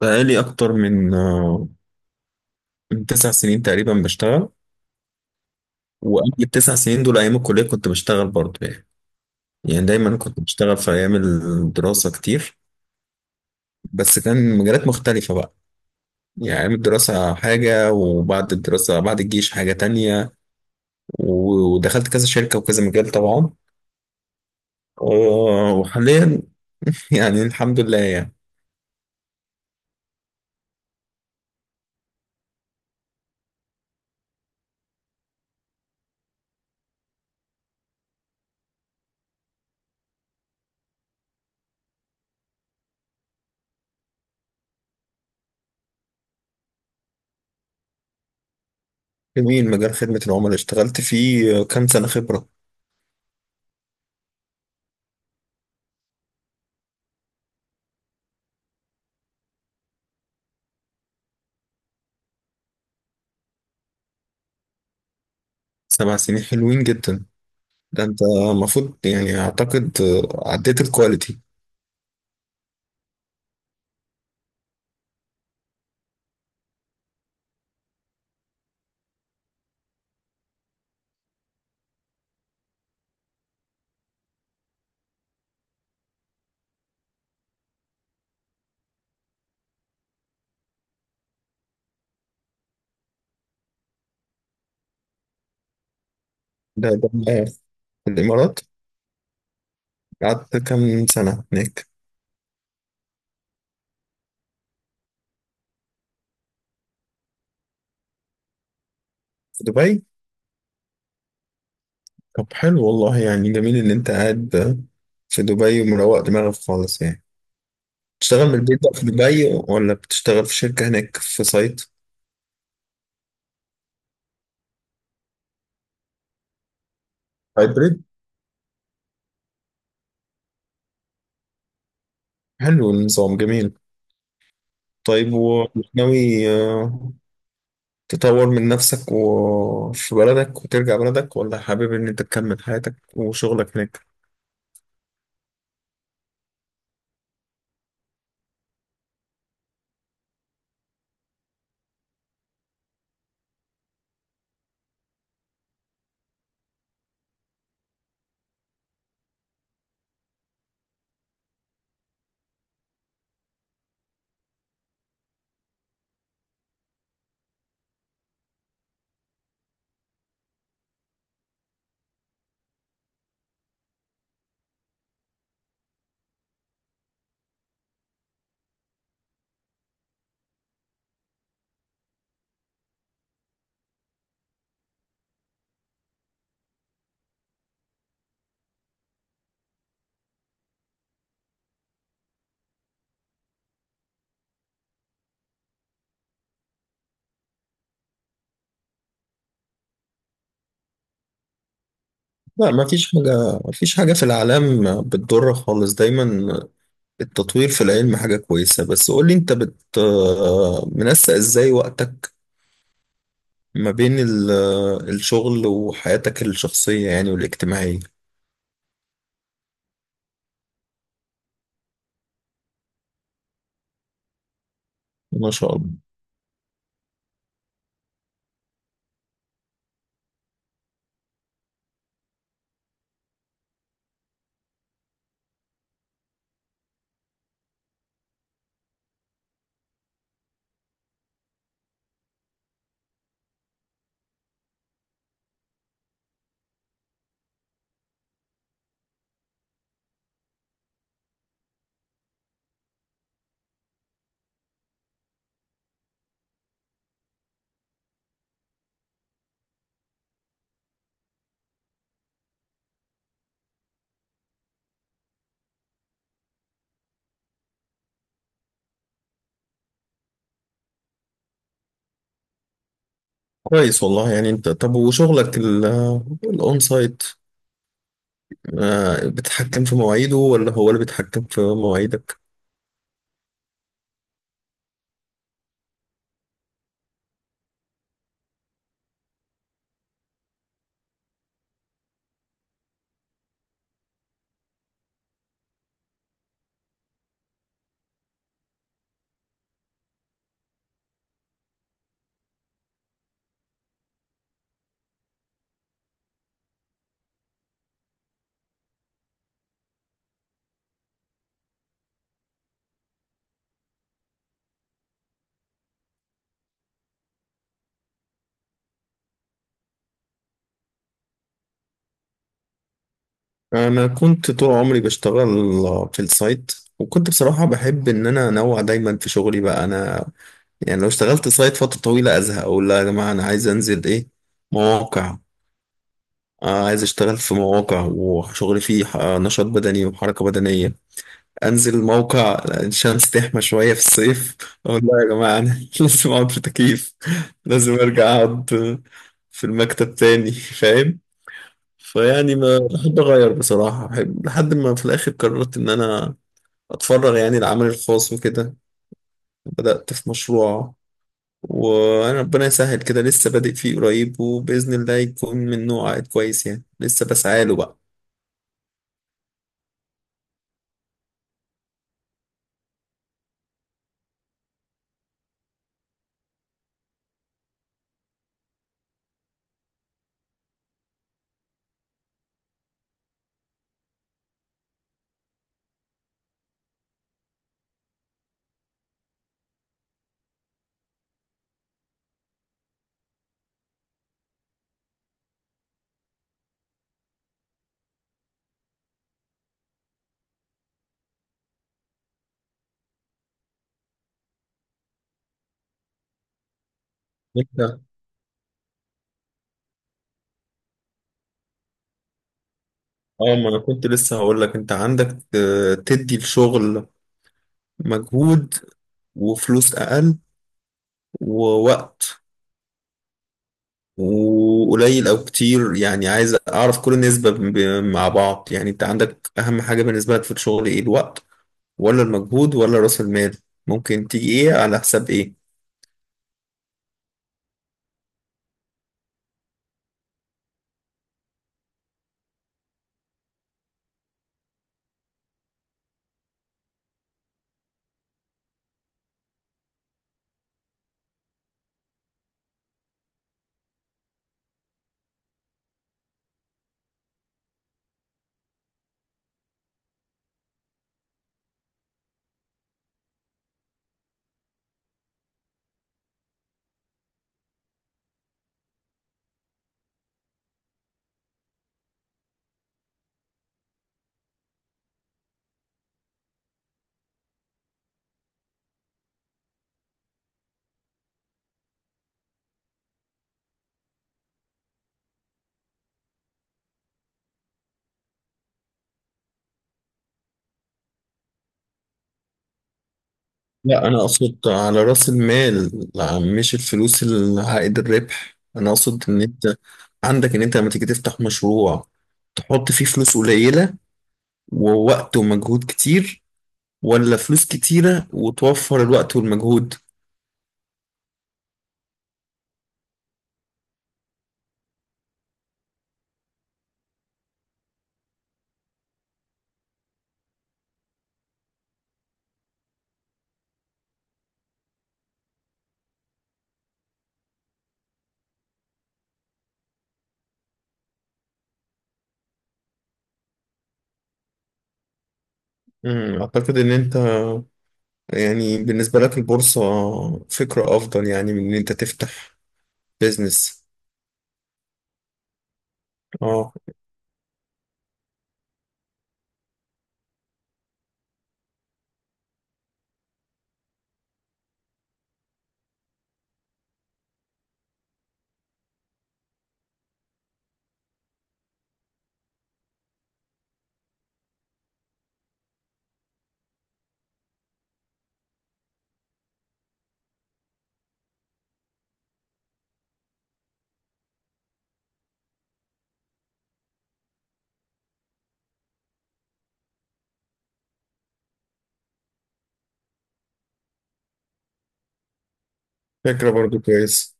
بقالي أكتر من من 9 سنين تقريبا بشتغل. وقبل التسع سنين دول أيام الكلية كنت بشتغل برضه. يعني دايما كنت بشتغل في أيام الدراسة كتير. بس كان مجالات مختلفة بقى. يعني أيام الدراسة حاجة، وبعد الدراسة بعد الجيش حاجة تانية. و- ودخلت كذا شركة وكذا مجال طبعا. وحاليا يعني الحمد لله يعني. جميل. مجال خدمة العملاء اشتغلت فيه كام سنة خبرة؟ 7 سنين حلوين جدا. ده انت المفروض يعني اعتقد عديت الكواليتي. ده معايا في الامارات. قعدت كام سنه هناك؟ في دبي؟ طب حلو والله، يعني جميل ان انت قاعد في دبي ومروق دماغك خالص يعني. تشتغل من البيت بقى في دبي ولا بتشتغل في شركه هناك في سايت؟ هايبريد. حلو النظام جميل. طيب، وناوي تطور من نفسك وفي بلدك وترجع بلدك، ولا حابب ان انت تكمل حياتك وشغلك هناك؟ لا، ما فيش حاجة، ما فيش حاجة في الإعلام بتضر خالص دايما. التطوير في العلم حاجة كويسة. بس قولي أنت بت منسق إزاي وقتك ما بين الشغل وحياتك الشخصية، يعني والاجتماعية. ما شاء الله. كويس والله يعني. أنت طب، وشغلك الأون سايت، بتتحكم في مواعيده ولا هو اللي بيتحكم في مواعيدك؟ أنا كنت طول عمري بشتغل في السايت، وكنت بصراحة بحب إن أنا أنوع دايما في شغلي. بقى أنا يعني لو اشتغلت سايت فترة طويلة أزهق أقول لا يا جماعة، أنا عايز أنزل إيه، مواقع. عايز أشتغل في مواقع وشغل فيه نشاط بدني وحركة بدنية. أنزل موقع، الشمس تحمى شوية في الصيف، أقول لا يا جماعة، أنا لازم أقعد في تكييف. لازم أرجع أقعد في المكتب تاني، فاهم. فيعني ما بحب أغير بصراحة، بحب لحد ما في الآخر قررت إن أنا أتفرغ يعني العمل الخاص وكده. بدأت في مشروع، وانا ربنا يسهل كده لسه بادئ فيه قريب، وباذن الله يكون من نوع عائد كويس يعني، لسه بسعى له بقى. انت. اه، ما انا كنت لسه هقول لك، انت عندك تدي الشغل مجهود وفلوس اقل ووقت، وقليل او كتير يعني، عايز اعرف كل نسبة مع بعض. يعني انت عندك اهم حاجة بالنسبة لك في الشغل ايه؟ الوقت ولا المجهود ولا راس المال؟ ممكن تيجي ايه على حساب ايه؟ لا، انا اقصد على راس المال، لا مش الفلوس اللي عائد الربح. انا اقصد ان انت عندك ان انت لما تيجي تفتح مشروع تحط فيه فلوس قليلة ووقت ومجهود كتير، ولا فلوس كتيرة وتوفر الوقت والمجهود؟ مم، اعتقد ان انت يعني بالنسبة لك البورصة فكرة افضل، يعني من ان انت تفتح بيزنس. اه، فكرة برضو كويس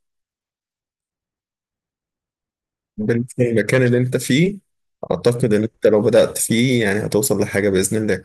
بالنسبة للمكان اللي انت فيه. اعتقد ان انت لو بدأت فيه يعني هتوصل لحاجة بإذن الله.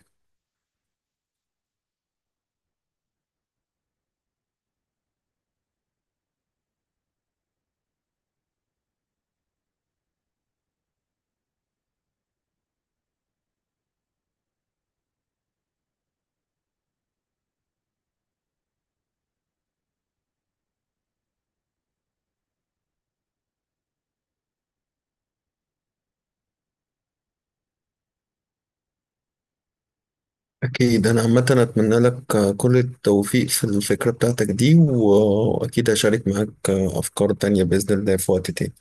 أكيد. أنا عامة أتمنى لك كل التوفيق في الفكرة بتاعتك دي، وأكيد هشارك معاك أفكار تانية بإذن الله في وقت تاني.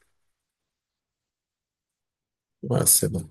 مع السلامة.